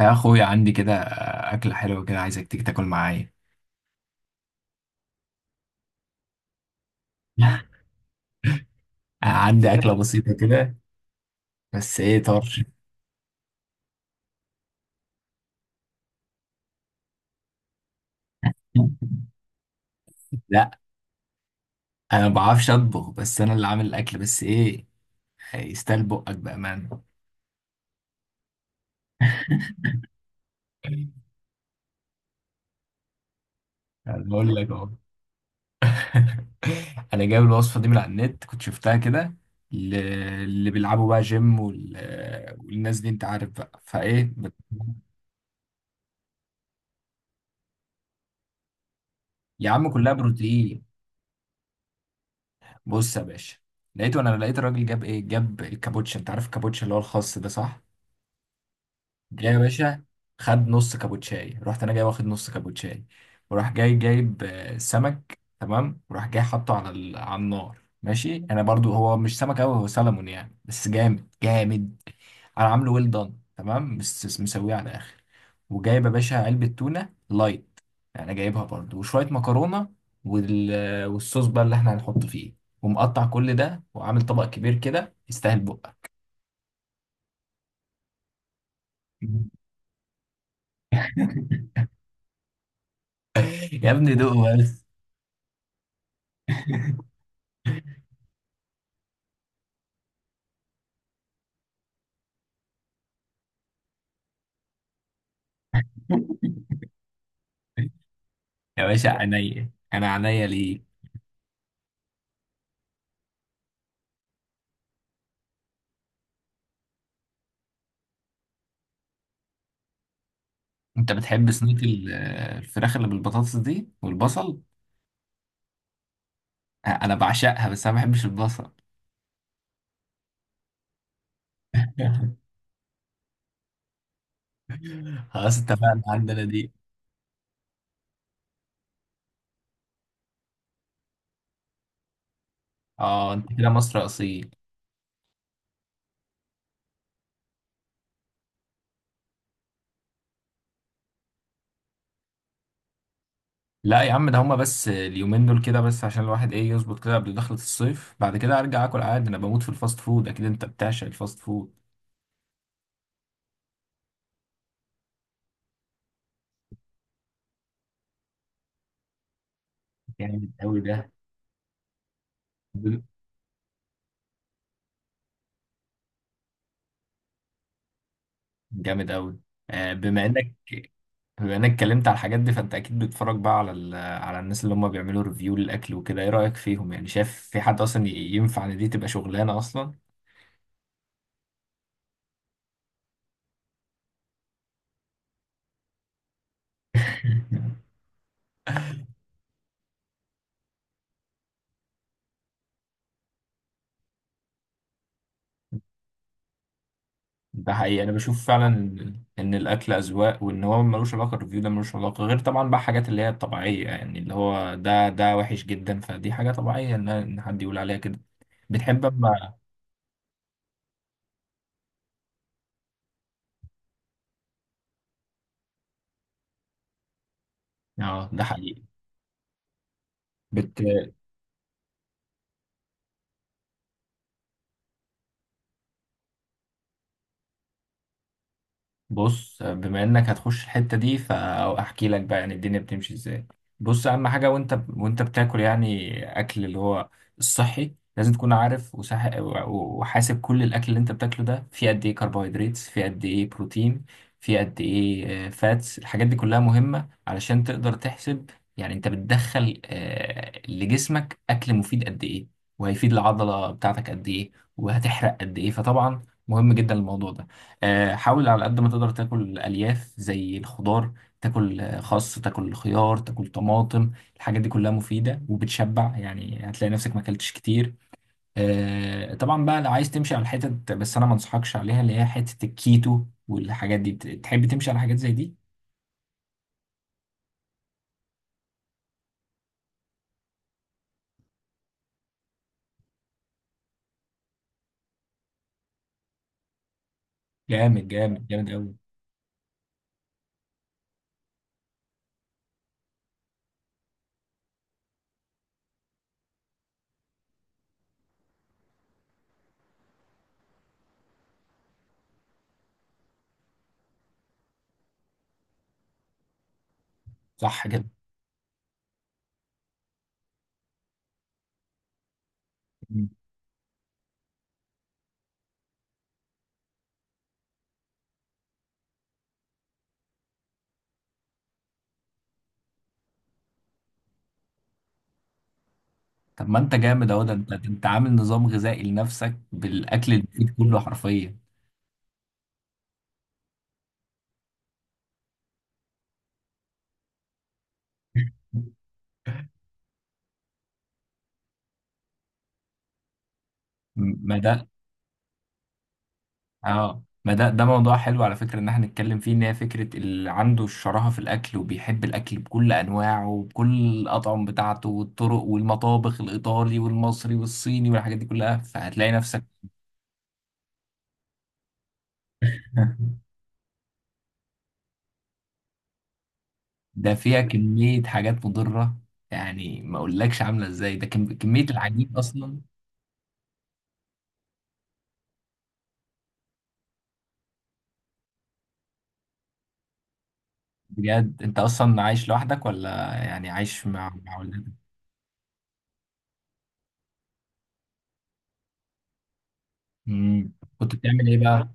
يا اخويا عندي كده، اكله حلوه كده، عايزك تيجي تاكل معايا. عندي اكله بسيطه كده، بس ايه طرش. لا، انا ما بعرفش اطبخ، بس انا اللي عامل الاكل، بس ايه، يستاهل بقك بامانه. أنا بقول لك اهو. انا جايب الوصفه دي من على النت، كنت شفتها كده. ل- اللي بيلعبوا بقى جيم والناس دي، انت عارف بقى فايه يا عم كلها بروتين. بص يا باشا، وانا لقيت الراجل جاب ايه، جاب الكابوتشا، انت عارف الكابوتشا اللي هو الخاص ده، صح؟ جاي يا باشا، خد نص كابوتشاي، رحت انا جاي واخد نص كابوتشاي، وراح جاي جايب سمك، تمام، وراح جاي حاطه على النار. ماشي، انا برضو هو مش سمك قوي، هو سلمون يعني، بس جامد جامد. انا عامله ويل دان تمام، بس مسويه على الاخر. وجايب يا باشا علبه تونه لايت، يعني جايبها برضو، وشويه مكرونه. والصوص بقى اللي احنا هنحط فيه، ومقطع كل ده، وعامل طبق كبير كده، يستاهل بقى. يا ابني دوقه بس. يا باشا عينيا، انا عينيا ليه. انت بتحب صينيه الفراخ اللي بالبطاطس دي والبصل؟ انا بعشقها، بس انا ما بحبش البصل. خلاص اتفقنا عندنا دي. اه، انت كده مصر اصيل. لا يا عم، ده هما بس اليومين دول كده، بس عشان الواحد ايه، يظبط كده قبل دخلة الصيف، بعد كده ارجع اكل عادي. انا بموت في الفاست فود. اكيد انت بتعشق الفاست فود. جامد قوي ده، جامد قوي. بما انك اتكلمت على الحاجات دي، فانت اكيد بتتفرج بقى على على الناس اللي هم بيعملوا ريفيو للاكل وكده، ايه رايك فيهم؟ يعني شايف في حد اصلا ينفع ان دي تبقى شغلانه اصلا؟ ده حقيقي، انا بشوف فعلا ان الاكل اذواق، وان هو ملوش علاقه، الريفيو ده ملوش علاقه غير طبعا بقى حاجات اللي هي الطبيعيه، يعني اللي هو ده وحش جدا، فدي حاجه طبيعيه ان حد يقول عليها كده. بتحب اما، اه ده حقيقي. بت... بص، بما انك هتخش الحتة دي فاحكي لك بقى يعني الدنيا بتمشي ازاي. بص، اهم حاجة وانت بتاكل يعني اكل اللي هو الصحي لازم تكون عارف، وصح، وحاسب كل الاكل اللي انت بتاكله ده، فيه قد ايه كربوهيدرات، فيه قد ايه بروتين، فيه قد ايه فاتس. الحاجات دي كلها مهمة علشان تقدر تحسب، يعني انت بتدخل لجسمك اكل مفيد قد ايه، وهيفيد العضلة بتاعتك قد ايه، وهتحرق قد ايه، فطبعا مهم جدا الموضوع ده. حاول على قد ما تقدر تاكل الياف زي الخضار، تاكل خس، تاكل خيار، تاكل طماطم. الحاجات دي كلها مفيده وبتشبع، يعني هتلاقي نفسك ما اكلتش كتير. طبعا بقى لو عايز تمشي على الحتت، بس انا ما انصحكش عليها، اللي هي حته الكيتو والحاجات دي. تحب تمشي على حاجات زي دي. جامد جامد جامد قوي. صح كده. مم. طب ما انت جامد اهو، ده انت عامل نظام غذائي لنفسك بالاكل المفيد كله حرفيا. ما ده، اه، ما ده ده موضوع حلو على فكرة ان احنا نتكلم فيه، ان هي فكرة اللي عنده الشراهة في الاكل، وبيحب الاكل بكل انواعه وبكل الاطعم بتاعته والطرق، والمطابخ الايطالي والمصري والصيني والحاجات دي كلها، فهتلاقي نفسك. ده فيها كمية حاجات مضرة، يعني ما اقولكش عاملة ازاي ده كمية العجين اصلا. بجد انت اصلا عايش لوحدك، ولا يعني عايش مع ولادك؟ امم. كنت بتعمل ايه بقى؟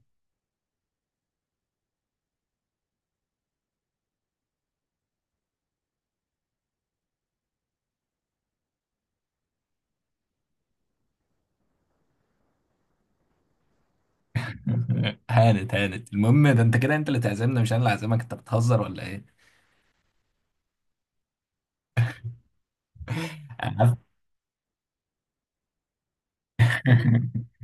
هانت هانت، المهم ده انت كده، انت اللي تعزمنا مش انا اللي اعزمك. انت بتهزر ولا ايه؟ عارف-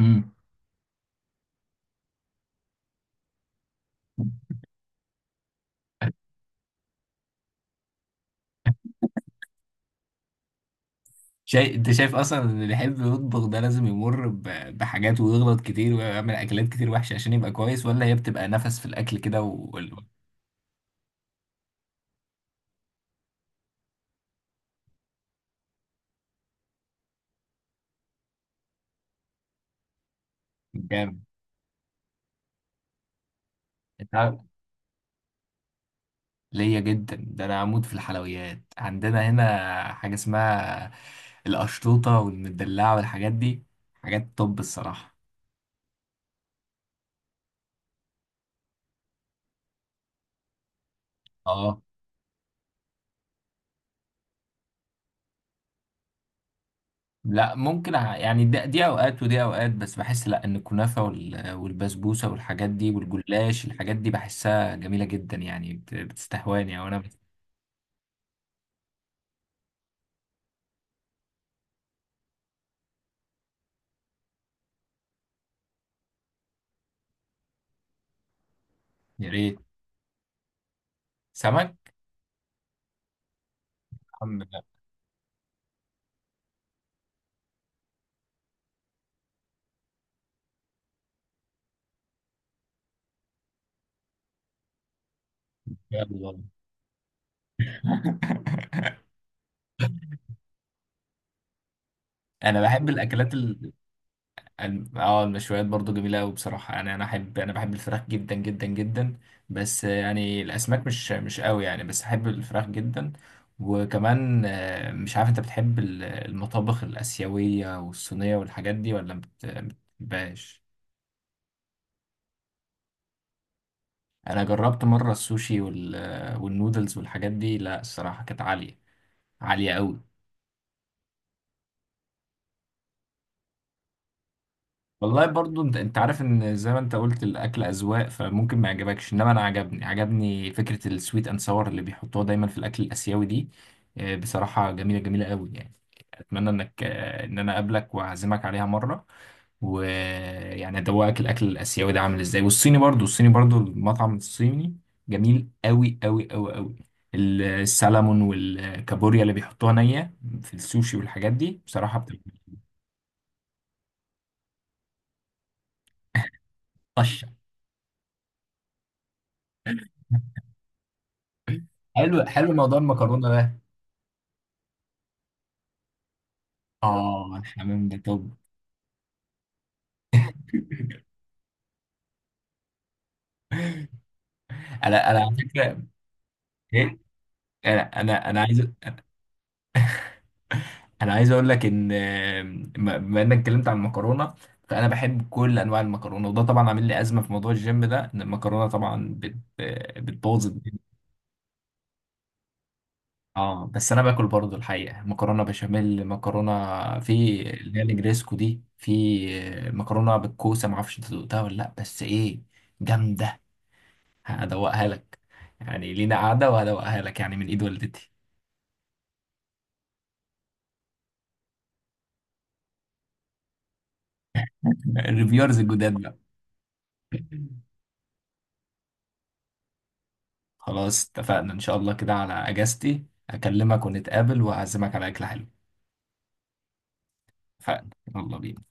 مم. شايف، انت شايف اصلا ان اللي يحب يطبخ ده لازم يمر بحاجات، ويغلط كتير ويعمل اكلات كتير وحشه عشان يبقى كويس، ولا هي بتبقى نفس في الاكل كده جامد. انت عارف- ليا جدا، ده انا عمود في الحلويات، عندنا هنا حاجه اسمها القشطوطه والمدلعه والحاجات دي، حاجات طب الصراحه. اه، لا ممكن يعني، دي اوقات ودي اوقات، بس بحس لا، ان الكنافه والبسبوسه والحاجات دي والجلاش، الحاجات دي بحسها جميله جدا، يعني بتستهواني او انا يا ريت. سمك. الحمد لله. يلا. انا بحب الاكلات. المشويات برضو جميلة أوي بصراحة، يعني أنا بحب الفراخ جدا جدا جدا. بس يعني الأسماك مش أوي يعني، بس أحب الفراخ جدا. وكمان مش عارف أنت بتحب المطابخ الآسيوية والصينية والحاجات دي، ولا ما بتحبهاش. أنا جربت مرة السوشي والنودلز والحاجات دي، لا الصراحة كانت عالية، عالية أوي. والله برضو انت عارف ان زي ما انت قلت الاكل اذواق، فممكن ما يعجبكش، انما انا عجبني، عجبني فكره السويت اند ساور اللي بيحطوها دايما في الاكل الاسيوي دي. بصراحه جميله جميله قوي يعني. اتمنى انك ان انا اقابلك واعزمك عليها مره، ويعني ادوقك الاكل الاسيوي ده عامل ازاي، والصيني برضو، الصيني برضو المطعم الصيني جميل قوي قوي قوي قوي. السلمون والكابوريا اللي بيحطوها نيه في السوشي والحاجات دي بصراحه بتبقى طشه. حلو، حلو موضوع المكرونه ده. اه، الحمام ده طب. انا على فكره، ايه، انا انا انا عايز انا عايز اقول لك ان بما انك اتكلمت عن المكرونه، فانا بحب كل انواع المكرونه، وده طبعا عامل لي ازمه في موضوع الجيم ده، ان المكرونه طبعا بتبوظ الدنيا. اه، بس انا باكل برضو الحقيقه مكرونه بشاميل، مكرونه في اللي هي الجريسكو دي، في مكرونه بالكوسه، ما اعرفش انت دقتها ولا لا، بس ايه جامده. هدوقها لك، يعني لينا قعده وهدوقها لك، يعني من ايد والدتي. الريفيورز الجداد بقى. خلاص اتفقنا، ان شاء الله كده على اجازتي اكلمك ونتقابل، واعزمك على اكل حلو. اتفقنا. يلا بينا.